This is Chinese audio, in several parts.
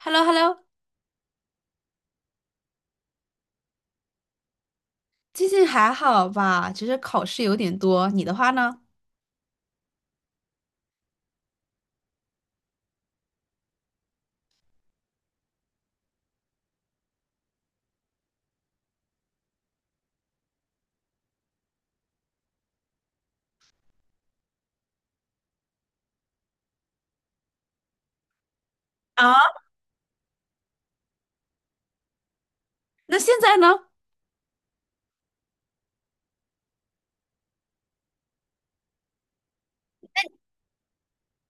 Hello Hello 最近还好吧？只是考试有点多。你的话呢？啊，那现在呢？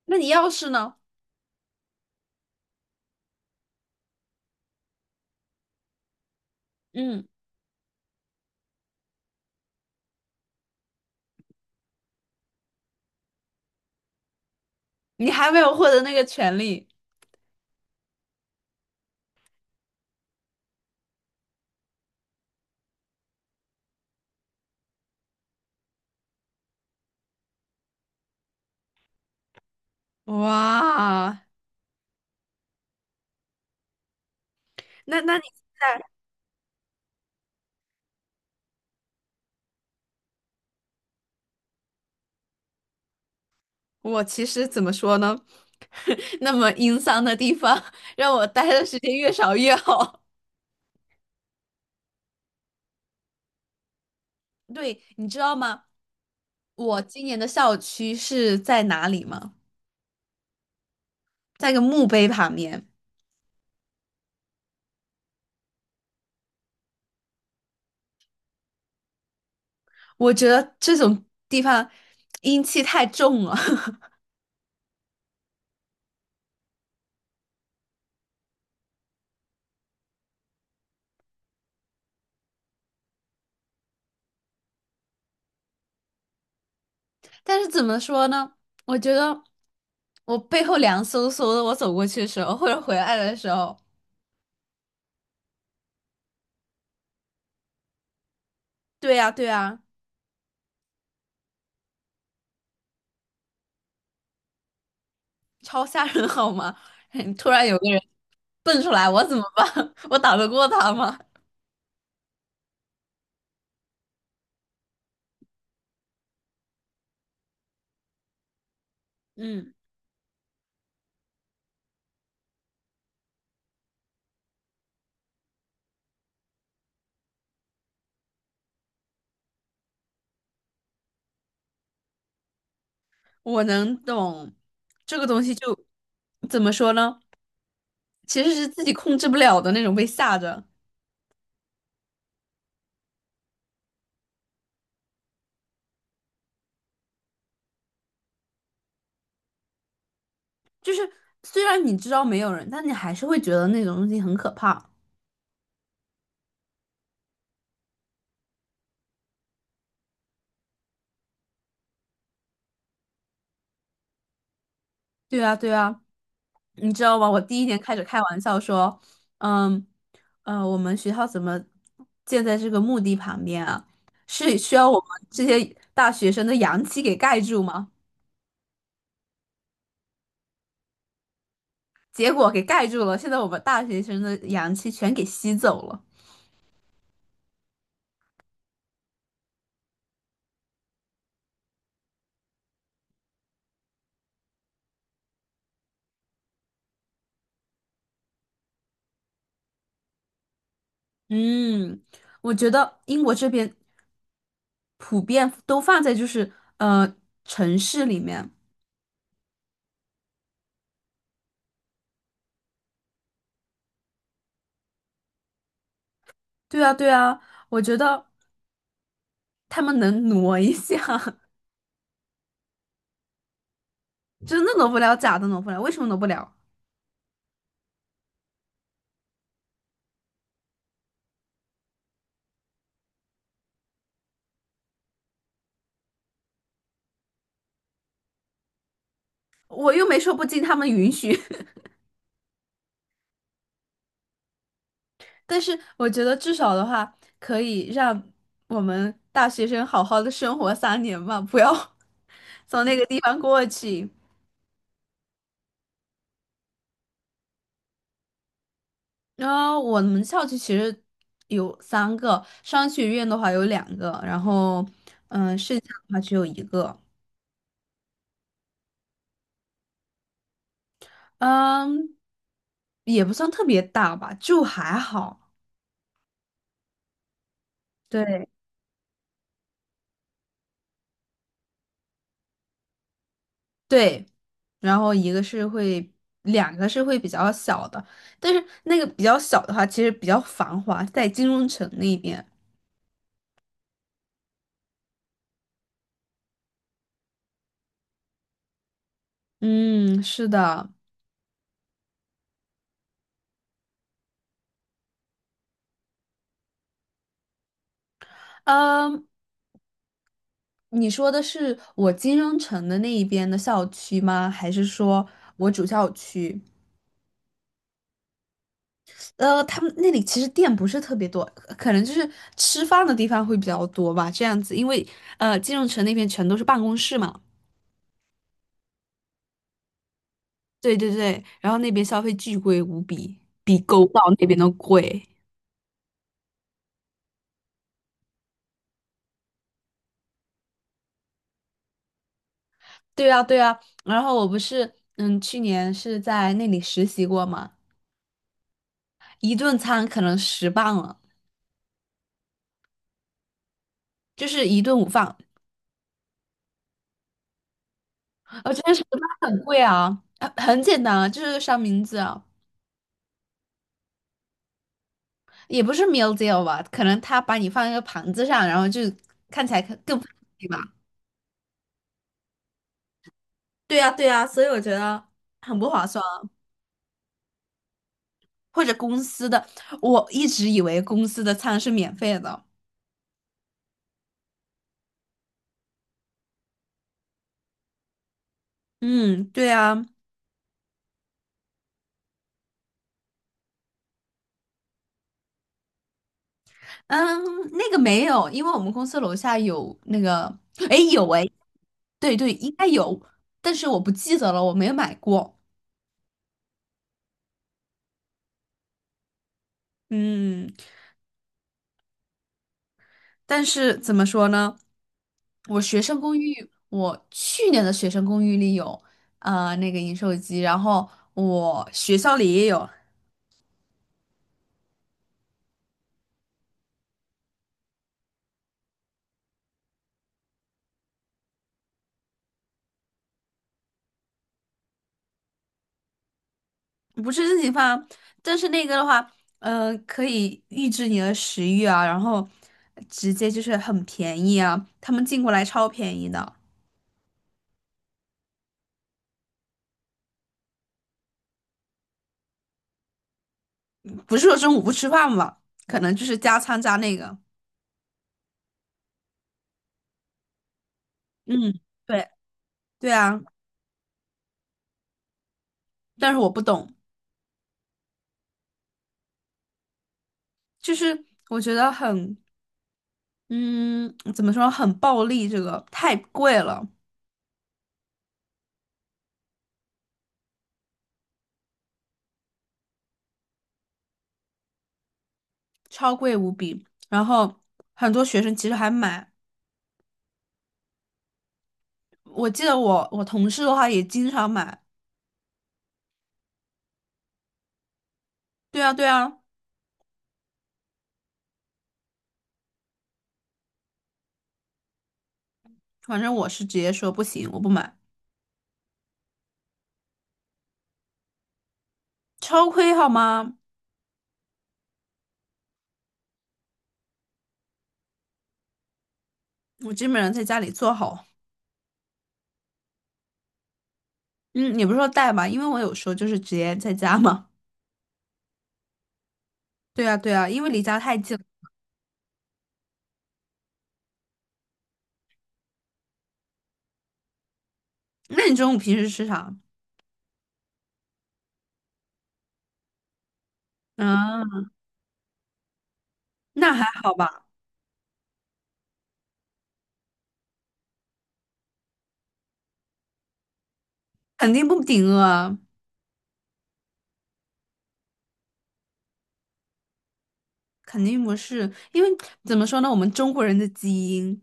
那你要是呢？嗯，你还没有获得那个权利。哇，那你现在，我其实怎么说呢？那么阴丧的地方，让我待的时间越少越好。对，你知道吗？我今年的校区是在哪里吗？在一个墓碑旁边。我觉得这种地方阴气太重了。但是怎么说呢？我觉得我背后凉飕飕的，我走过去的时候，或者回来的时候，对呀，对呀，超吓人好吗？突然有个人蹦出来，我怎么办？我打得过他吗？嗯，我能懂这个东西就怎么说呢？其实是自己控制不了的那种被吓着，就是虽然你知道没有人，但你还是会觉得那种东西很可怕。对啊，对啊，你知道吗？我第一年开始开玩笑说，嗯，我们学校怎么建在这个墓地旁边啊？是需要我们这些大学生的阳气给盖住吗？结果给盖住了，现在我们大学生的阳气全给吸走了。嗯，我觉得英国这边普遍都放在就是呃城市里面。对啊，对啊，我觉得他们能挪一下，真的挪不了，假的挪不了，为什么挪不了？我又没说不经他们允许。但是我觉得至少的话，可以让我们大学生好好的生活3年吧，不要 从那个地方过去。然后我们校区其实有3个，商学院的话有两个，然后剩下的话只有一个，嗯，也不算特别大吧，就还好。对。对，然后一个是会，两个是会比较小的，但是那个比较小的话，其实比较繁华，在金融城那边。嗯，是的，嗯，你说的是我金融城的那一边的校区吗？还是说我主校区？他们那里其实店不是特别多，可能就是吃饭的地方会比较多吧，这样子，因为金融城那边全都是办公室嘛。对对对，然后那边消费巨贵无比，比狗岛那边都贵。对啊，对啊，然后我不是，去年是在那里实习过嘛，一顿餐可能十磅了，就是一顿午饭，而且十磅很贵啊，啊很简单啊，就是三明治啊，也不是 meal deal 吧，可能他把你放一个盘子上，然后就看起来更对吧？对呀，对呀，所以我觉得很不划算啊，或者公司的，我一直以为公司的餐是免费的。嗯，对啊，嗯，那个没有，因为我们公司楼下有那个，哎，有哎，对对，应该有，但是我不记得了，我没有买过。嗯，但是怎么说呢？我学生公寓，我去年的学生公寓里有，那个饮水机，然后我学校里也有，不是自己放，但是那个的话，可以抑制你的食欲啊，然后直接就是很便宜啊，他们进过来超便宜的，不是说中午不吃饭吧，可能就是加餐加那个，嗯，对对啊，但是我不懂，就是我觉得很，嗯，怎么说，很暴利，这个太贵了，超贵无比，然后很多学生其实还买，我记得我同事的话也经常买，对啊对啊。反正我是直接说不行，我不买，超亏好吗？我基本上在家里做好，嗯，也不是说带吧，因为我有时候就是直接在家嘛。对啊，对啊，因为离家太近了那你中午平时吃啥？嗯，那还好吧，肯定不顶饿啊，肯定不是，因为怎么说呢，我们中国人的基因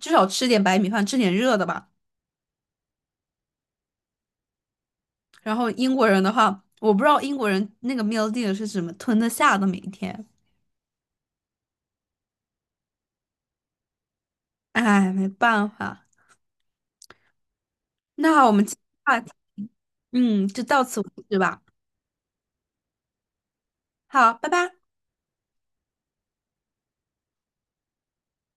至少吃点白米饭，吃点热的吧。然后英国人的话，我不知道英国人那个 meal deal 是怎么吞得下的，每一天。哎，没办法。那我们今天就到此为止吧。好，拜拜。